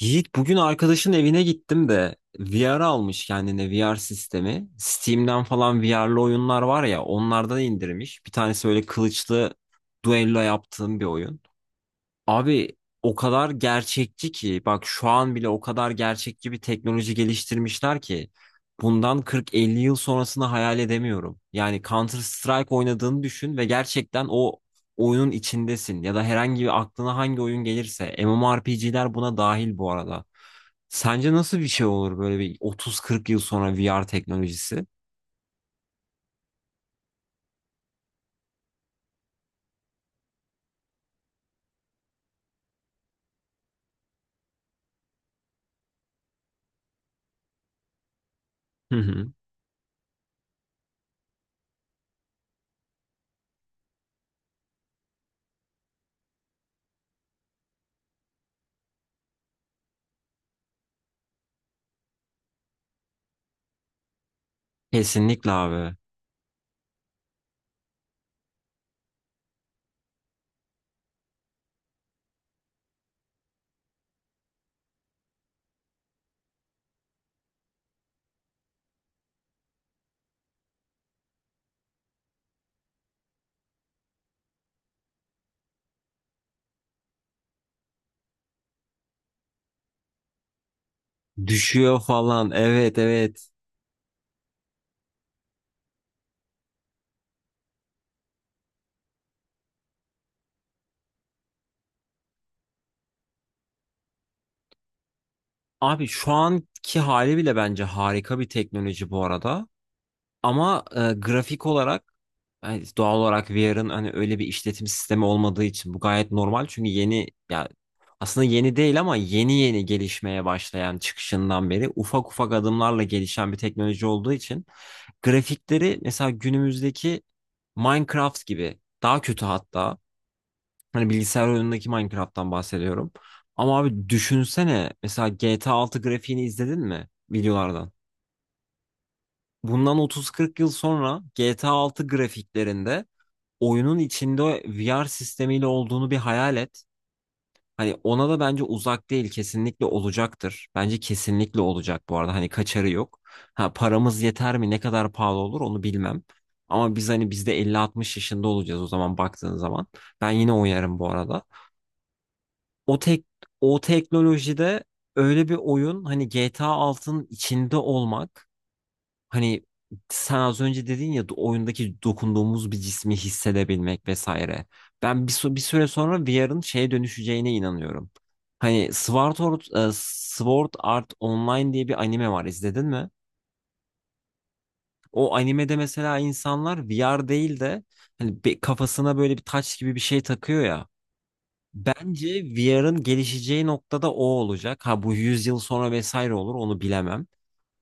Yiğit, bugün arkadaşın evine gittim de VR almış kendine, VR sistemi. Steam'den falan VR'lı oyunlar var ya, onlardan indirmiş. Bir tanesi böyle kılıçlı duello yaptığım bir oyun. Abi, o kadar gerçekçi ki, bak şu an bile o kadar gerçekçi bir teknoloji geliştirmişler ki bundan 40-50 yıl sonrasını hayal edemiyorum. Yani Counter Strike oynadığını düşün ve gerçekten o oyunun içindesin, ya da herhangi bir aklına hangi oyun gelirse, MMORPG'ler buna dahil bu arada. Sence nasıl bir şey olur böyle bir 30-40 yıl sonra VR teknolojisi? Hı hı. Kesinlikle abi. Düşüyor falan. Evet, evet. Abi, şu anki hali bile bence harika bir teknoloji bu arada. Ama grafik olarak, yani doğal olarak VR'ın hani öyle bir işletim sistemi olmadığı için bu gayet normal. Çünkü yeni ya, aslında yeni değil ama yeni yeni gelişmeye başlayan, çıkışından beri ufak ufak adımlarla gelişen bir teknoloji olduğu için grafikleri mesela günümüzdeki Minecraft gibi, daha kötü hatta. Hani bilgisayar oyunundaki Minecraft'tan bahsediyorum. Ama abi, düşünsene mesela GTA 6 grafiğini izledin mi videolardan? Bundan 30-40 yıl sonra GTA 6 grafiklerinde oyunun içinde VR sistemiyle olduğunu bir hayal et. Hani ona da bence uzak değil, kesinlikle olacaktır. Bence kesinlikle olacak bu arada, hani kaçarı yok. Ha paramız yeter mi, ne kadar pahalı olur onu bilmem. Ama biz hani biz de 50-60 yaşında olacağız o zaman, baktığın zaman. Ben yine oynarım bu arada. o tek o teknolojide öyle bir oyun, hani GTA 6'nın içinde olmak, hani sen az önce dedin ya, oyundaki dokunduğumuz bir cismi hissedebilmek vesaire. Bir süre sonra VR'ın şeye dönüşeceğine inanıyorum. Hani Sword Art, Sword Art Online diye bir anime var, izledin mi? O animede mesela insanlar VR değil de hani bir, kafasına böyle bir taç gibi bir şey takıyor ya. Bence VR'ın gelişeceği noktada o olacak. Ha bu 100 yıl sonra vesaire olur onu bilemem.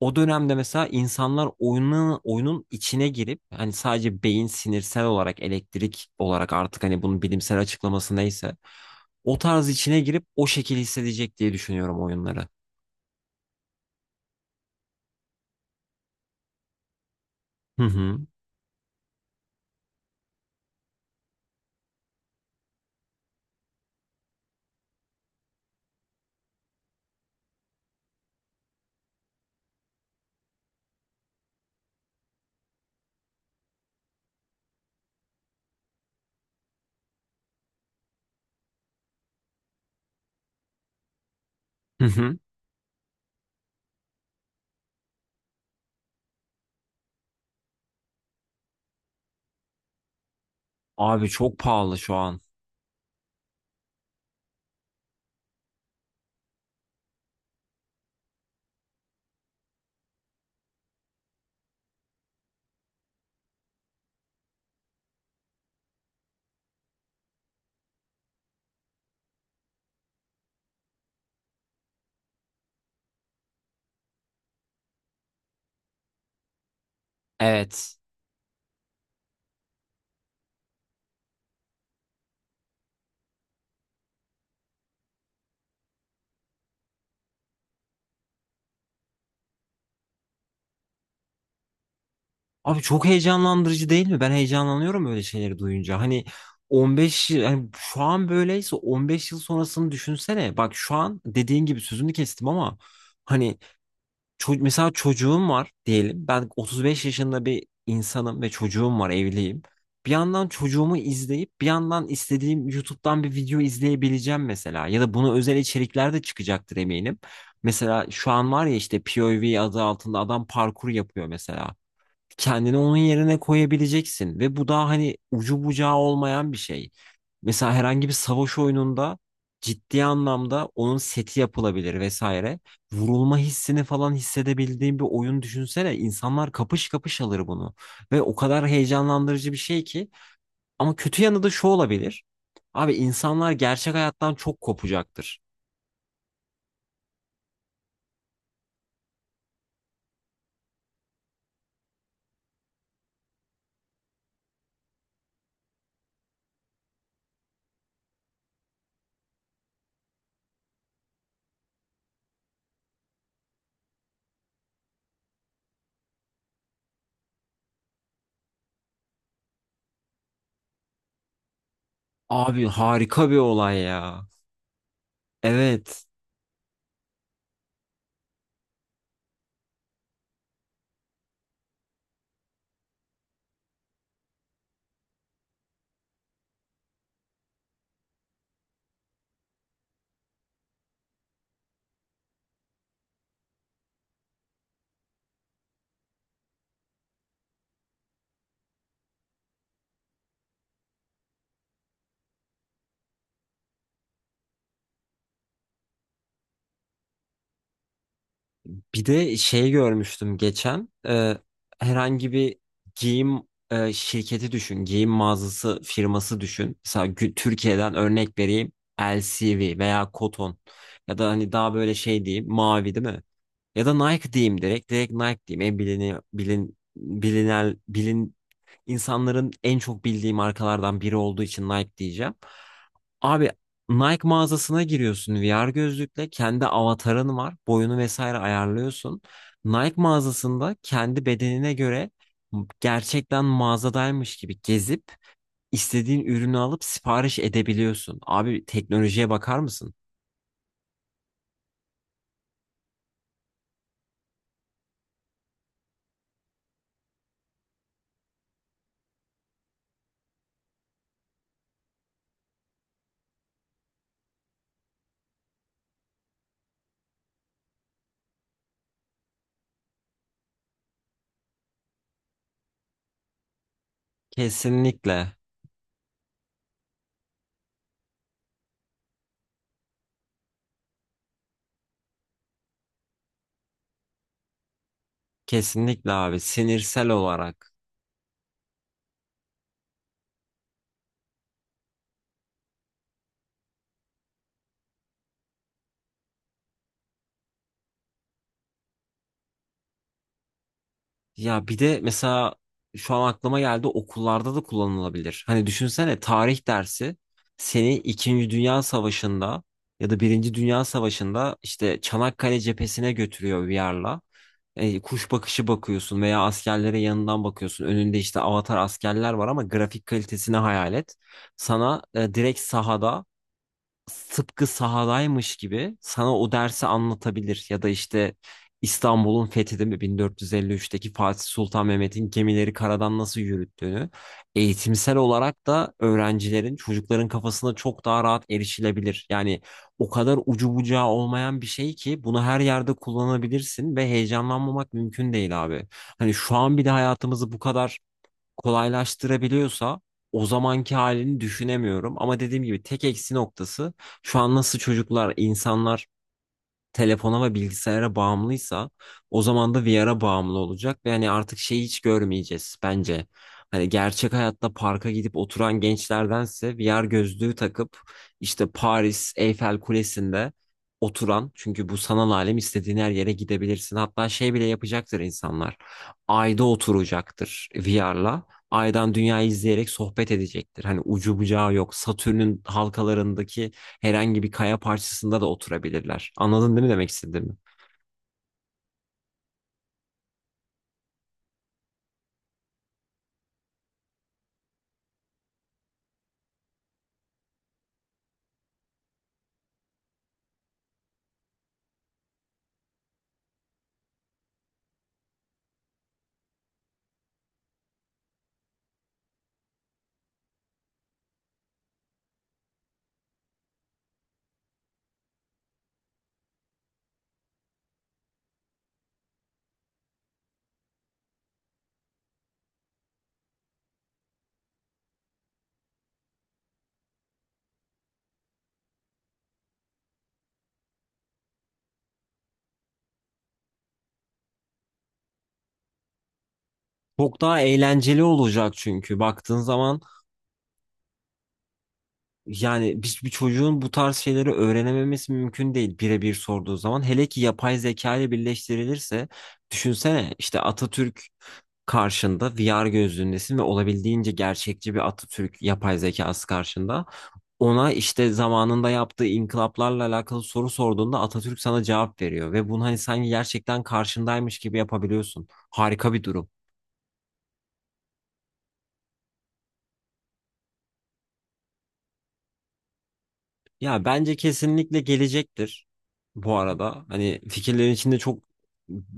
O dönemde mesela insanlar oyunun içine girip hani sadece beyin sinirsel olarak, elektrik olarak, artık hani bunun bilimsel açıklaması neyse, o tarz içine girip o şekilde hissedecek diye düşünüyorum oyunları. Hı hı. Hı hı. Abi çok pahalı şu an. Evet. Abi çok heyecanlandırıcı değil mi? Ben heyecanlanıyorum böyle şeyleri duyunca. Hani 15 yıl, hani şu an böyleyse 15 yıl sonrasını düşünsene. Bak şu an dediğin gibi sözünü kestim ama hani mesela çocuğum var diyelim. Ben 35 yaşında bir insanım ve çocuğum var, evliyim. Bir yandan çocuğumu izleyip bir yandan istediğim YouTube'dan bir video izleyebileceğim mesela. Ya da buna özel içerikler de çıkacaktır eminim. Mesela şu an var ya, işte POV adı altında adam parkur yapıyor mesela, kendini onun yerine koyabileceksin ve bu daha hani ucu bucağı olmayan bir şey. Mesela herhangi bir savaş oyununda ciddi anlamda onun seti yapılabilir vesaire. Vurulma hissini falan hissedebildiğin bir oyun düşünsene. İnsanlar kapış kapış alır bunu ve o kadar heyecanlandırıcı bir şey ki, ama kötü yanı da şu olabilir. Abi, insanlar gerçek hayattan çok kopacaktır. Abi harika bir olay ya. Evet. Bir de şey görmüştüm geçen, herhangi bir giyim, şirketi düşün, giyim mağazası firması düşün. Mesela Türkiye'den örnek vereyim, LCV veya Koton, ya da hani daha böyle şey diyeyim Mavi, değil mi? Ya da Nike diyeyim, direkt Nike diyeyim, en bilini bilin bilinel bilin insanların en çok bildiği markalardan biri olduğu için Nike diyeceğim. Abi, Nike mağazasına giriyorsun VR gözlükle, kendi avatarın var. Boyunu vesaire ayarlıyorsun. Nike mağazasında kendi bedenine göre gerçekten mağazadaymış gibi gezip istediğin ürünü alıp sipariş edebiliyorsun. Abi teknolojiye bakar mısın? Kesinlikle. Kesinlikle abi, sinirsel olarak. Ya bir de mesela şu an aklıma geldi, okullarda da kullanılabilir. Hani düşünsene, tarih dersi seni İkinci Dünya Savaşı'nda ya da Birinci Dünya Savaşı'nda işte Çanakkale cephesine götürüyor VR'la. Kuş bakışı bakıyorsun veya askerlere yanından bakıyorsun. Önünde işte avatar askerler var, ama grafik kalitesini hayal et. Sana direkt sahada, tıpkı sahadaymış gibi sana o dersi anlatabilir, ya da işte İstanbul'un fethedilme mi, 1453'teki Fatih Sultan Mehmet'in gemileri karadan nasıl yürüttüğünü eğitimsel olarak da öğrencilerin, çocukların kafasına çok daha rahat erişilebilir. Yani o kadar ucu bucağı olmayan bir şey ki, bunu her yerde kullanabilirsin ve heyecanlanmamak mümkün değil abi. Hani şu an bir de hayatımızı bu kadar kolaylaştırabiliyorsa, o zamanki halini düşünemiyorum. Ama dediğim gibi tek eksi noktası, şu an nasıl çocuklar, insanlar telefona ve bilgisayara bağımlıysa, o zaman da VR'a bağımlı olacak ve hani artık şeyi hiç görmeyeceğiz bence. Hani gerçek hayatta parka gidip oturan gençlerdense VR gözlüğü takıp işte Paris Eyfel Kulesi'nde oturan, çünkü bu sanal alem, istediğin her yere gidebilirsin. Hatta şey bile yapacaktır insanlar. Ayda oturacaktır VR'la. Aydan dünyayı izleyerek sohbet edecektir. Hani ucu bucağı yok. Satürn'ün halkalarındaki herhangi bir kaya parçasında da oturabilirler. Anladın değil mi demek istediğimi? Çok daha eğlenceli olacak çünkü baktığın zaman. Yani bir çocuğun bu tarz şeyleri öğrenememesi mümkün değil birebir sorduğu zaman. Hele ki yapay zeka ile birleştirilirse düşünsene, işte Atatürk karşında, VR gözlüğündesin ve olabildiğince gerçekçi bir Atatürk yapay zekası karşında. Ona işte zamanında yaptığı inkılaplarla alakalı soru sorduğunda Atatürk sana cevap veriyor ve bunu hani sanki gerçekten karşındaymış gibi yapabiliyorsun. Harika bir durum. Ya bence kesinlikle gelecektir bu arada. Hani fikirlerin içinde çok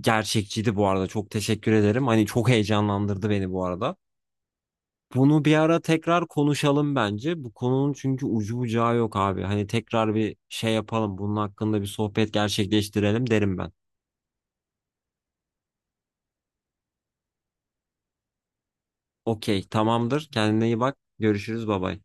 gerçekçiydi bu arada. Çok teşekkür ederim. Hani çok heyecanlandırdı beni bu arada. Bunu bir ara tekrar konuşalım bence. Bu konunun çünkü ucu bucağı yok abi. Hani tekrar bir şey yapalım, bunun hakkında bir sohbet gerçekleştirelim derim ben. Okey, tamamdır. Kendine iyi bak. Görüşürüz. Bay bay.